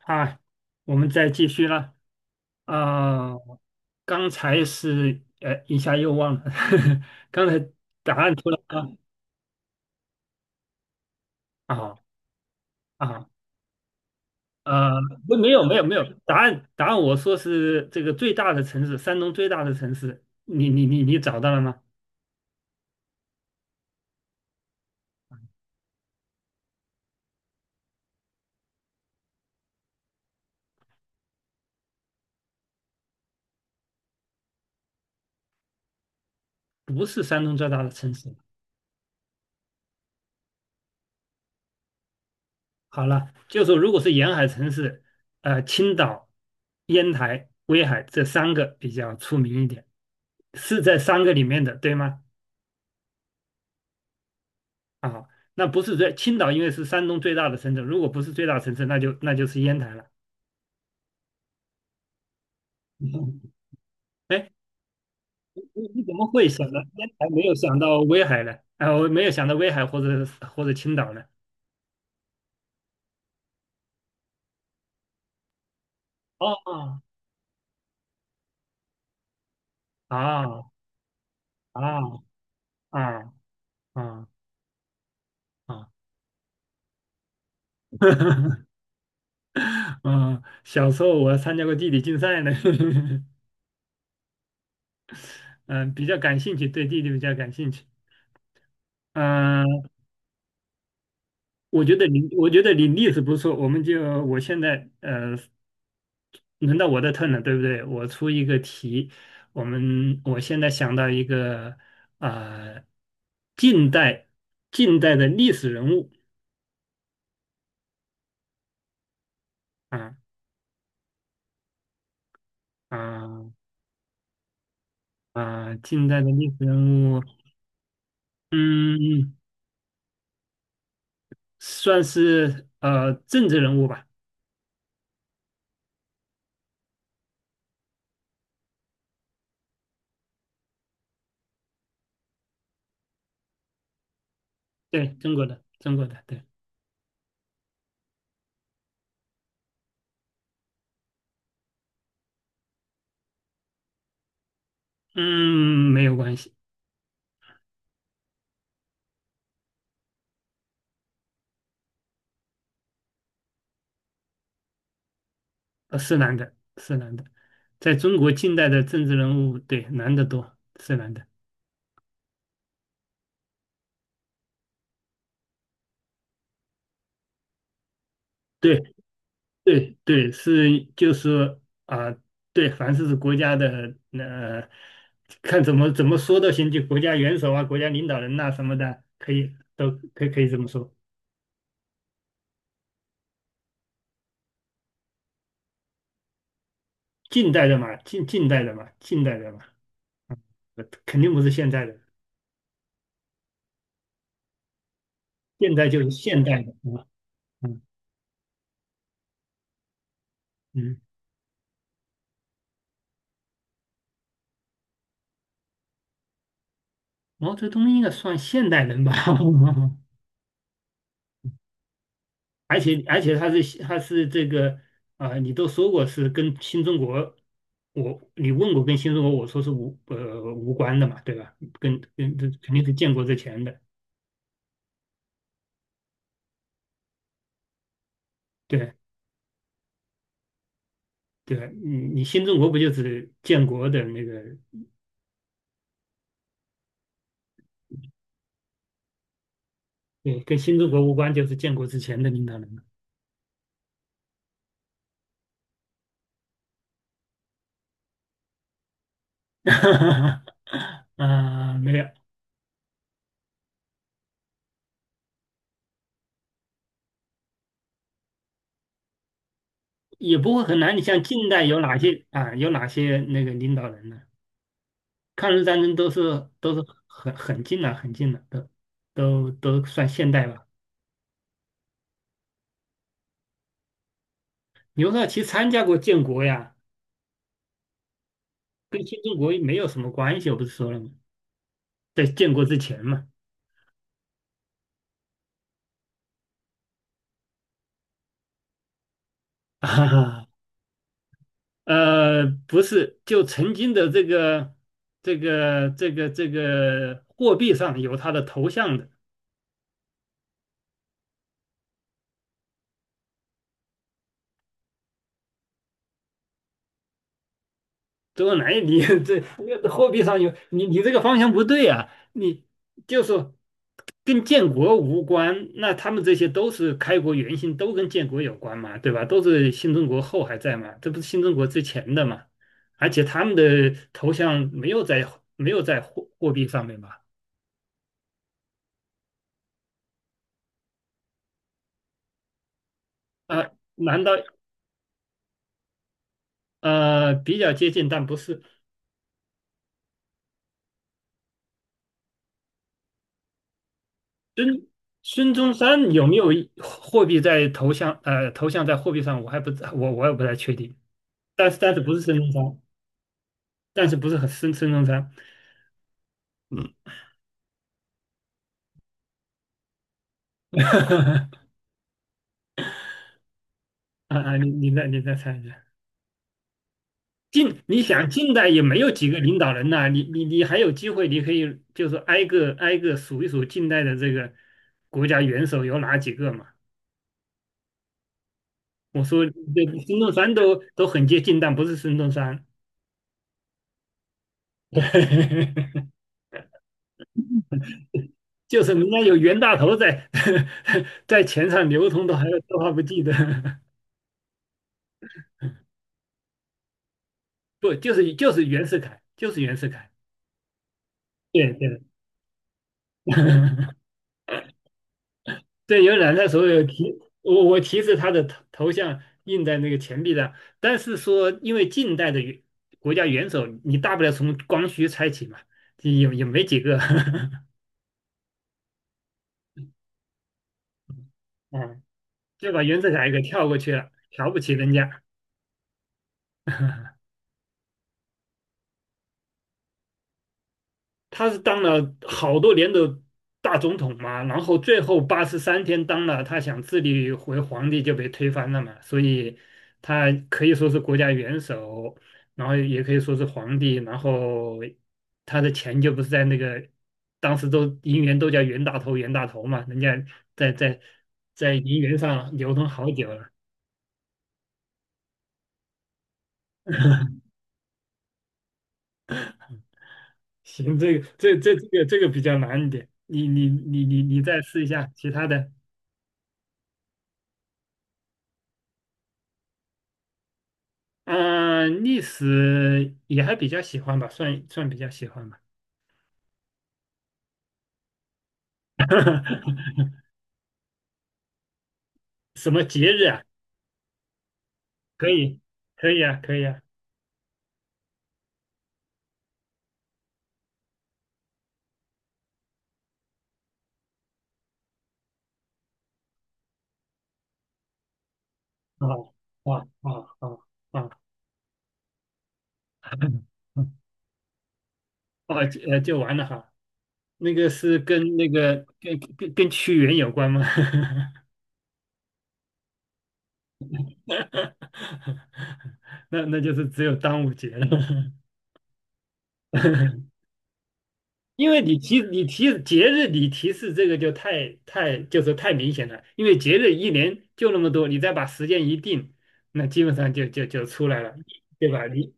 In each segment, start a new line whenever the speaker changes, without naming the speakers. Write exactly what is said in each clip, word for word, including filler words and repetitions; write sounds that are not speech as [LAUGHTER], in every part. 啊，我们再继续了。啊、刚才是呃，一下又忘了。[LAUGHS] 刚才答案出来了。啊啊啊呃，不，没有没有没有，答案答案我说是这个最大的城市，山东最大的城市，你你你你找到了吗？不是山东最大的城市。好了，就说如果是沿海城市，呃，青岛、烟台、威海这三个比较出名一点，是在三个里面的，对吗？啊，那不是最青岛，因为是山东最大的城镇，如果不是最大城市，那就那就是烟台了。哎，你你怎么会想到烟台，没有想到威海呢？啊，我没有想到威海或者或者青岛呢？哦啊啊啊啊啊！[LAUGHS] 嗯，小时候我参加过地理竞赛呢。[LAUGHS] 嗯，比较感兴趣，对地理比较感兴趣。嗯，我觉得你，我觉得你例子不错，我们就我现在呃轮到我的 turn 了，对不对？我出一个题，我们我现在想到一个呃，近代近代的历史人物。啊啊啊，近代的历史人物。嗯，算是呃政治人物吧。对，中国的中国的，对。嗯，没有关系。呃，是男的，是男的，在中国近代的政治人物，对，男的多，是男的。对，对对，是就是啊、对，凡是是国家的，呃，看怎么怎么说都行，就国家元首啊、国家领导人呐、什么的，可以都可以可以这么说。近代的嘛，近近代的嘛，近代的嘛。嗯呃肯定不是现在的，现在就是现代的，吧？嗯嗯，毛泽东应该算现代人吧？[LAUGHS] 而且而且他是他是这个啊、你都说过是跟新中国，我你问我跟新中国，我说是无呃无关的嘛，对吧？跟跟这肯定是建国之前的。对对，你你新中国不就是建国的那个，对，跟新中国无关，就是建国之前的领导人嘛。[LAUGHS] 啊没有。也不会很难。你像近代有哪些啊？有哪些那个领导人呢？抗日战争都是都是很很近了，很近了，都都都算现代吧。刘少奇参加过建国呀，跟新中国没有什么关系，我不是说了吗？在建国之前嘛。[LAUGHS] 啊，呃，不是，就曾经的这个这个这个这个货币上有他的头像的。周恩来，你 [LAUGHS] 这货币上有你你这个方向不对啊！你就是跟建国无关，那他们这些都是开国元勋，都跟建国有关嘛，对吧？都是新中国后还在嘛，这不是新中国之前的嘛？而且他们的头像没有在没有在货货币上面嘛？啊、难道呃比较接近，但不是孙。孙中山有没有一货币在头像呃头像在货币上？我还不我我也不太确定。但是但是不是孙中山，但是不是很孙孙中山。嗯，[LAUGHS] 啊啊！你你再你再猜一下，近你想近代也没有几个领导人呐、你你你还有机会，你可以就是挨个挨个数一数近代的这个国家元首有哪几个嘛？我说这孙中山都都很接近，但不是孙中山。[LAUGHS] 就是人家有袁大头在 [LAUGHS] 在钱上流通，的，还有都还不记得。[LAUGHS] 不就是就是袁世凯，就是袁世凯。对对。对，有染色所有提我我提示他的头头像印在那个钱币上，但是说因为近代的元国家元首，你大不了从光绪猜起嘛，也也没几个。[LAUGHS] 嗯，就把袁世凯给跳过去了，瞧不起人家。[LAUGHS] 他是当了好多年的大总统嘛，然后最后八十三天当了，他想自立为皇帝就被推翻了嘛，所以他可以说是国家元首，然后也可以说是皇帝，然后他的钱就不是在那个当时都银元都叫袁大头袁大头嘛，人家在在在银元上流通好久了。[LAUGHS] 行，这个这这这个这个比较难一点，你你你你你再试一下其他的。嗯，历史也还比较喜欢吧，算算比较喜欢吧。[LAUGHS] 什么节日啊？可以，可以啊，可以啊。啊哦哦哦哦哦。[LAUGHS] 哦，就呃就完了哈。那个是跟那个跟跟跟屈原有关吗？[LAUGHS] 那那就是只有端午节了。[LAUGHS] 因为你提你提节日，你提示这个就太太就是太明显了。因为节日一年就那么多，你再把时间一定，那基本上就就就出来了，对吧？你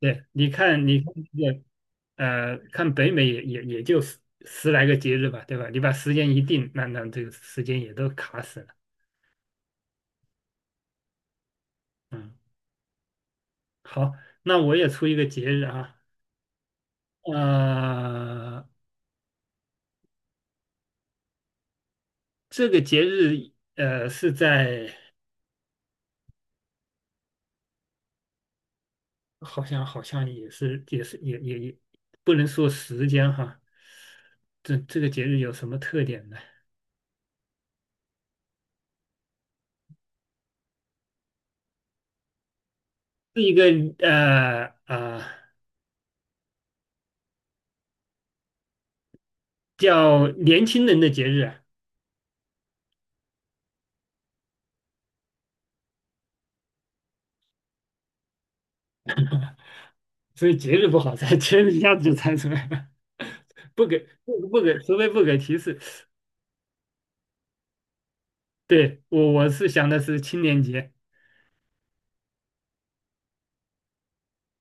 对，你看你看这个。呃，看北美也也也就十十来个节日吧，对吧？你把时间一定，那那这个时间也都卡死了。好，那我也出一个节日啊。呃，这个节日呃是在。好像好像也是也是也也也不能说时间哈。这这个节日有什么特点呢？是一个呃呃叫年轻人的节日啊。所以节日不好猜，节日一下子就猜出来了，不给不不给，除非不给提示。对，我我是想的是青年节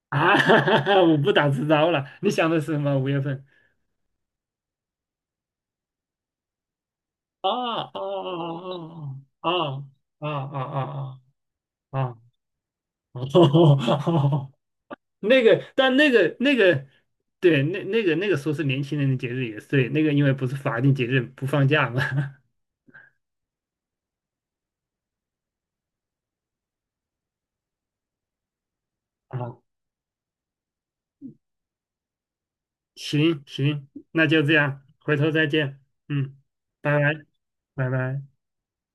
啊。[LAUGHS] 我不打自招了。你想的是什么？五月份？啊啊啊啊啊啊啊啊啊啊！啊！[LAUGHS] 哦，那个，但那个那个，对，那那个那个说是年轻人的节日也是对，那个因为不是法定节日不放假嘛。[LAUGHS] 啊，行行，那就这样，回头再见。嗯，拜拜，拜拜。